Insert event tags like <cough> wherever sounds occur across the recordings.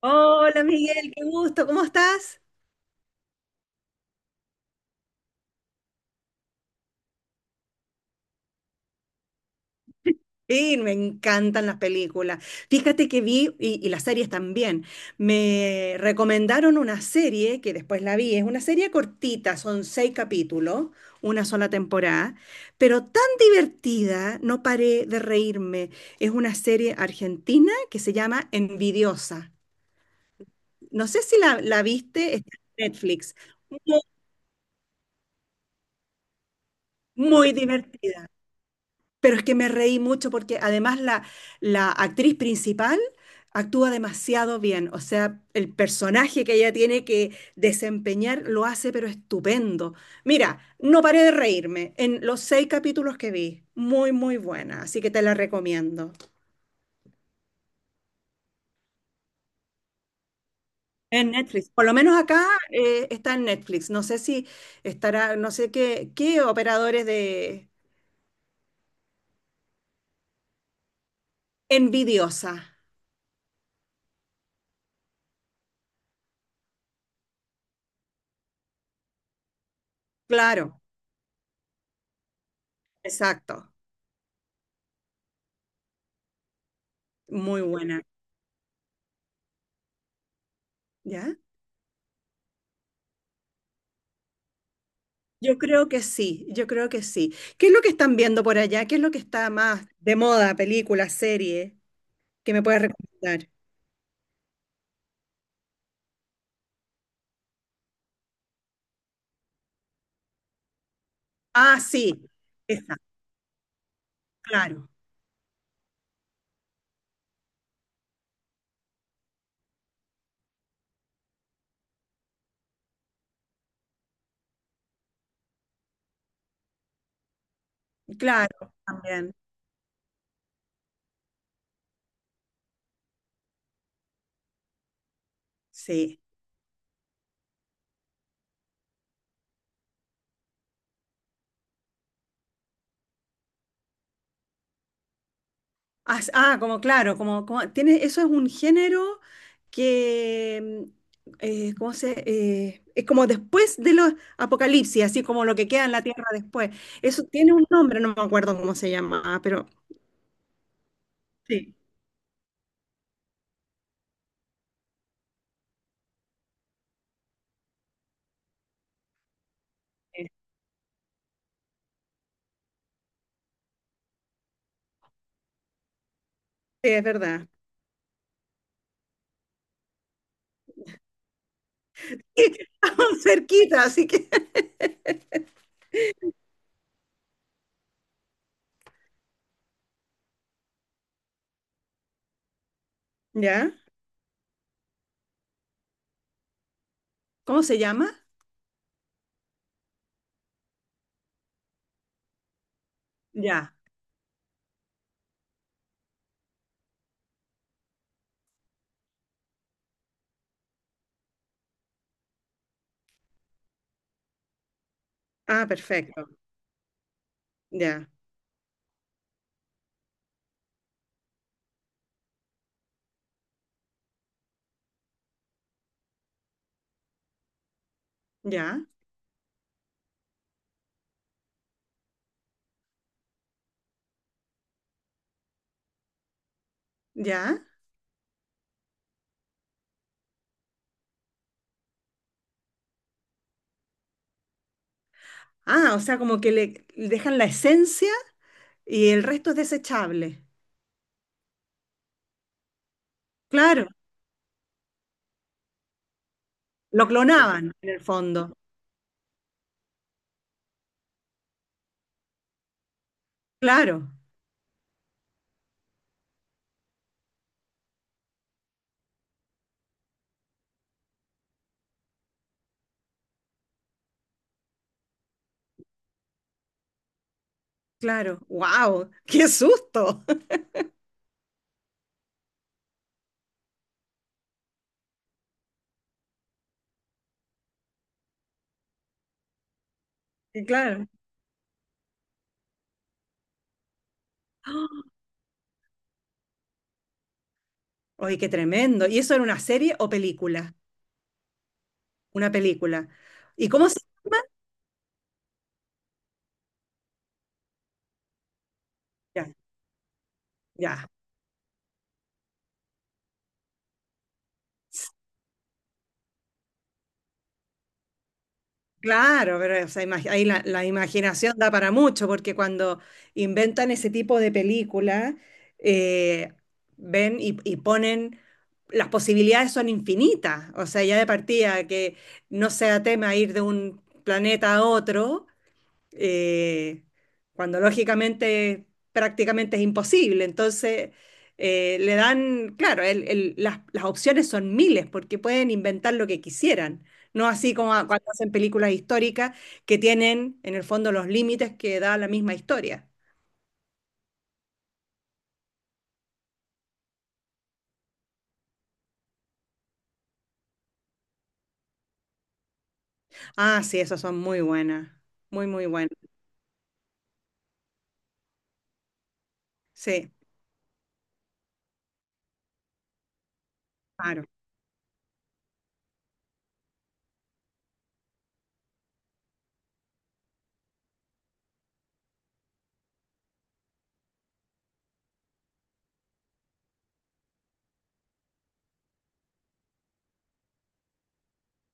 Hola Miguel, qué gusto, ¿cómo estás? Sí, me encantan las películas. Fíjate que vi, y las series también, me recomendaron una serie que después la vi, es una serie cortita, son seis capítulos, una sola temporada, pero tan divertida, no paré de reírme. Es una serie argentina que se llama Envidiosa. No sé si la viste, está en Netflix. Muy, muy divertida. Pero es que me reí mucho porque además la actriz principal actúa demasiado bien. O sea, el personaje que ella tiene que desempeñar lo hace, pero estupendo. Mira, no paré de reírme en los seis capítulos que vi. Muy, muy buena. Así que te la recomiendo. En Netflix. Por lo menos acá está en Netflix. No sé si estará, no sé qué operadores de Envidiosa. Claro, exacto. Muy buena. ¿Ya? Yo creo que sí, yo creo que sí. ¿Qué es lo que están viendo por allá? ¿Qué es lo que está más de moda, película, serie, que me puedes recomendar? Ah, sí, esa, claro, claro, también, sí. Como claro, como tiene, eso es un género que, ¿cómo se? Es como después de los apocalipsis, así como lo que queda en la tierra después. Eso tiene un nombre, no me acuerdo cómo se llama, pero sí, sí, es verdad. <laughs> Aún cerquita, así que. <laughs> ¿Ya? ¿Cómo se llama? Ya. Ah, perfecto. Ya, ya, ya. Ah, o sea, como que le dejan la esencia y el resto es desechable. Claro, lo clonaban en el fondo. Claro, claro. ¡Wow! ¡Qué susto! <laughs> Y claro. Oye, qué tremendo. ¿Y eso era una serie o película? Una película. ¿Y cómo se? Ya, ya. Claro, pero o sea, ahí la imaginación da para mucho, porque cuando inventan ese tipo de película, eh, ven y ponen, las posibilidades son infinitas, o sea, ya de partida que no sea tema ir de un planeta a otro, eh, cuando lógicamente prácticamente es imposible. Entonces, le dan, claro, las opciones son miles porque pueden inventar lo que quisieran. No así como cuando hacen películas históricas que tienen en el fondo los límites que da la misma historia. Ah, sí, esas son muy buenas, muy, muy buenas. Sí, claro,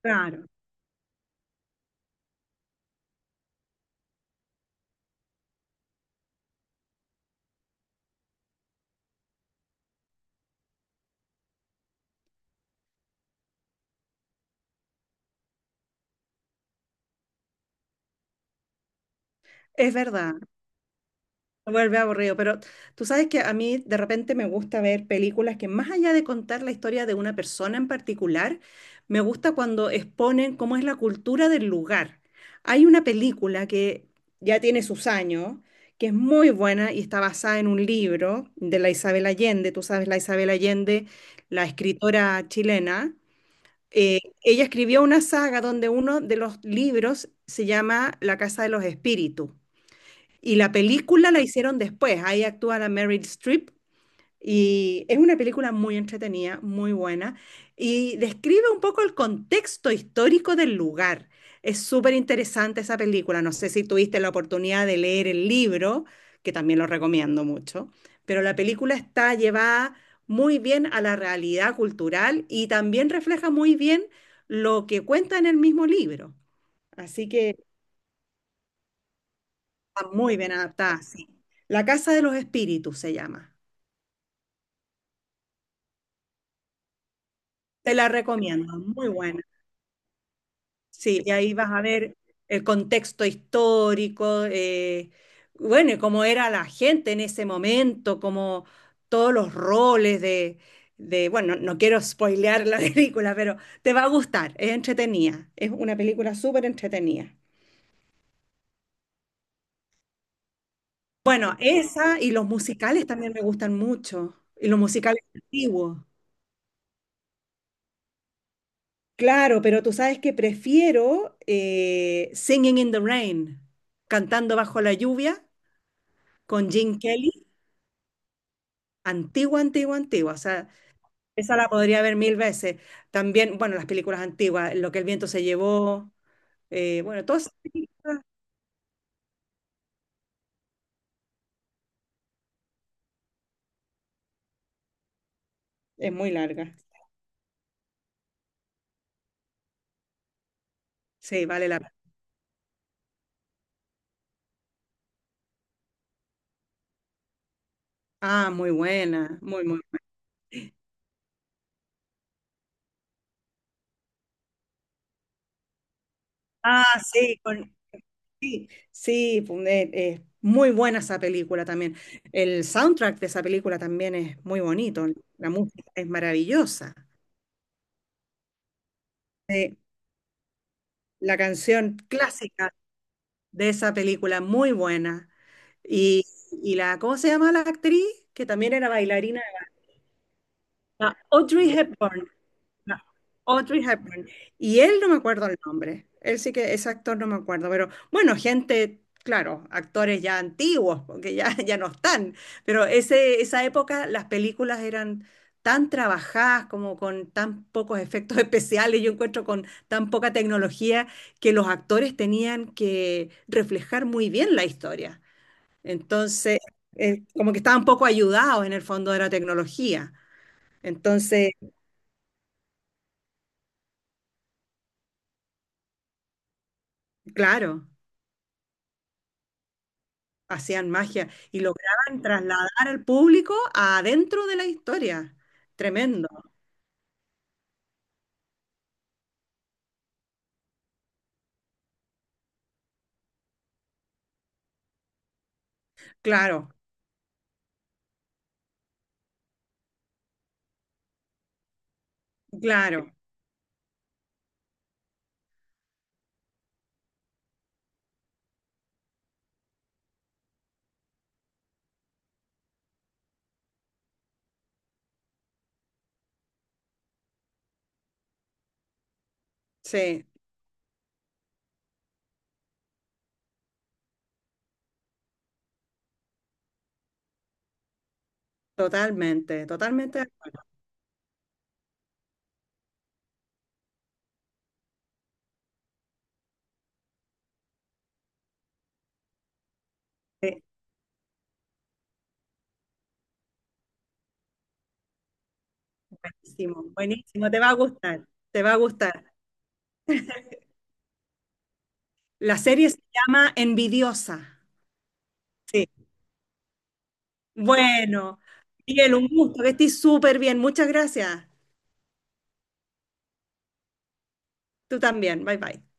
claro, es verdad. Se vuelve aburrido, pero tú sabes que a mí de repente me gusta ver películas que más allá de contar la historia de una persona en particular, me gusta cuando exponen cómo es la cultura del lugar. Hay una película que ya tiene sus años, que es muy buena y está basada en un libro de la Isabel Allende. Tú sabes, la Isabel Allende, la escritora chilena. Ella escribió una saga donde uno de los libros se llama La Casa de los Espíritus. Y la película la hicieron después, ahí actúa la Meryl Streep y es una película muy entretenida, muy buena y describe un poco el contexto histórico del lugar. Es súper interesante esa película, no sé si tuviste la oportunidad de leer el libro, que también lo recomiendo mucho, pero la película está llevada muy bien a la realidad cultural y también refleja muy bien lo que cuenta en el mismo libro. Así que Está muy bien adaptada, sí. La Casa de los Espíritus se llama. Te la recomiendo, muy buena. Sí, y ahí vas a ver el contexto histórico, bueno, y cómo era la gente en ese momento, como todos los roles bueno, no quiero spoilear la <laughs> película, pero te va a gustar, es entretenida, es una película súper entretenida. Bueno, esa y los musicales también me gustan mucho, y los musicales antiguos. Claro, pero tú sabes que prefiero Singing in the Rain, cantando bajo la lluvia con Gene Kelly, antigua, antigua, antigua. O sea, esa la podría ver mil veces. También, bueno, las películas antiguas, Lo que el viento se llevó, bueno, todas esas películas es muy larga. Sí, vale la pena. Ah, muy buena, muy, muy buena. Ah, sí, con, sí, muy buena esa película también. El soundtrack de esa película también es muy bonito. La música es maravillosa. Sí, la canción clásica de esa película, muy buena. Y, y la, ¿cómo se llama la actriz? Que también era bailarina. La Audrey Hepburn. No, Audrey Hepburn. Y él no me acuerdo el nombre. Él sí que ese actor no me acuerdo, pero bueno, gente, claro, actores ya antiguos, porque ya, <laughs> ya no están, pero ese, esa época las películas eran tan trabajadas como con tan pocos efectos <laughs> especiales, yo encuentro con tan poca tecnología que los actores tenían que reflejar muy bien la historia. Entonces, como que estaban poco ayudados en el fondo de la tecnología. Entonces, claro, hacían magia y lograban trasladar al público adentro de la historia. Tremendo. Claro, claro, sí, totalmente, totalmente. Sí, buenísimo, buenísimo, te va a gustar, te va a gustar. La serie se llama Envidiosa. Sí. Bueno, Miguel, un gusto, que estés súper bien. Muchas gracias. Tú también. Bye bye.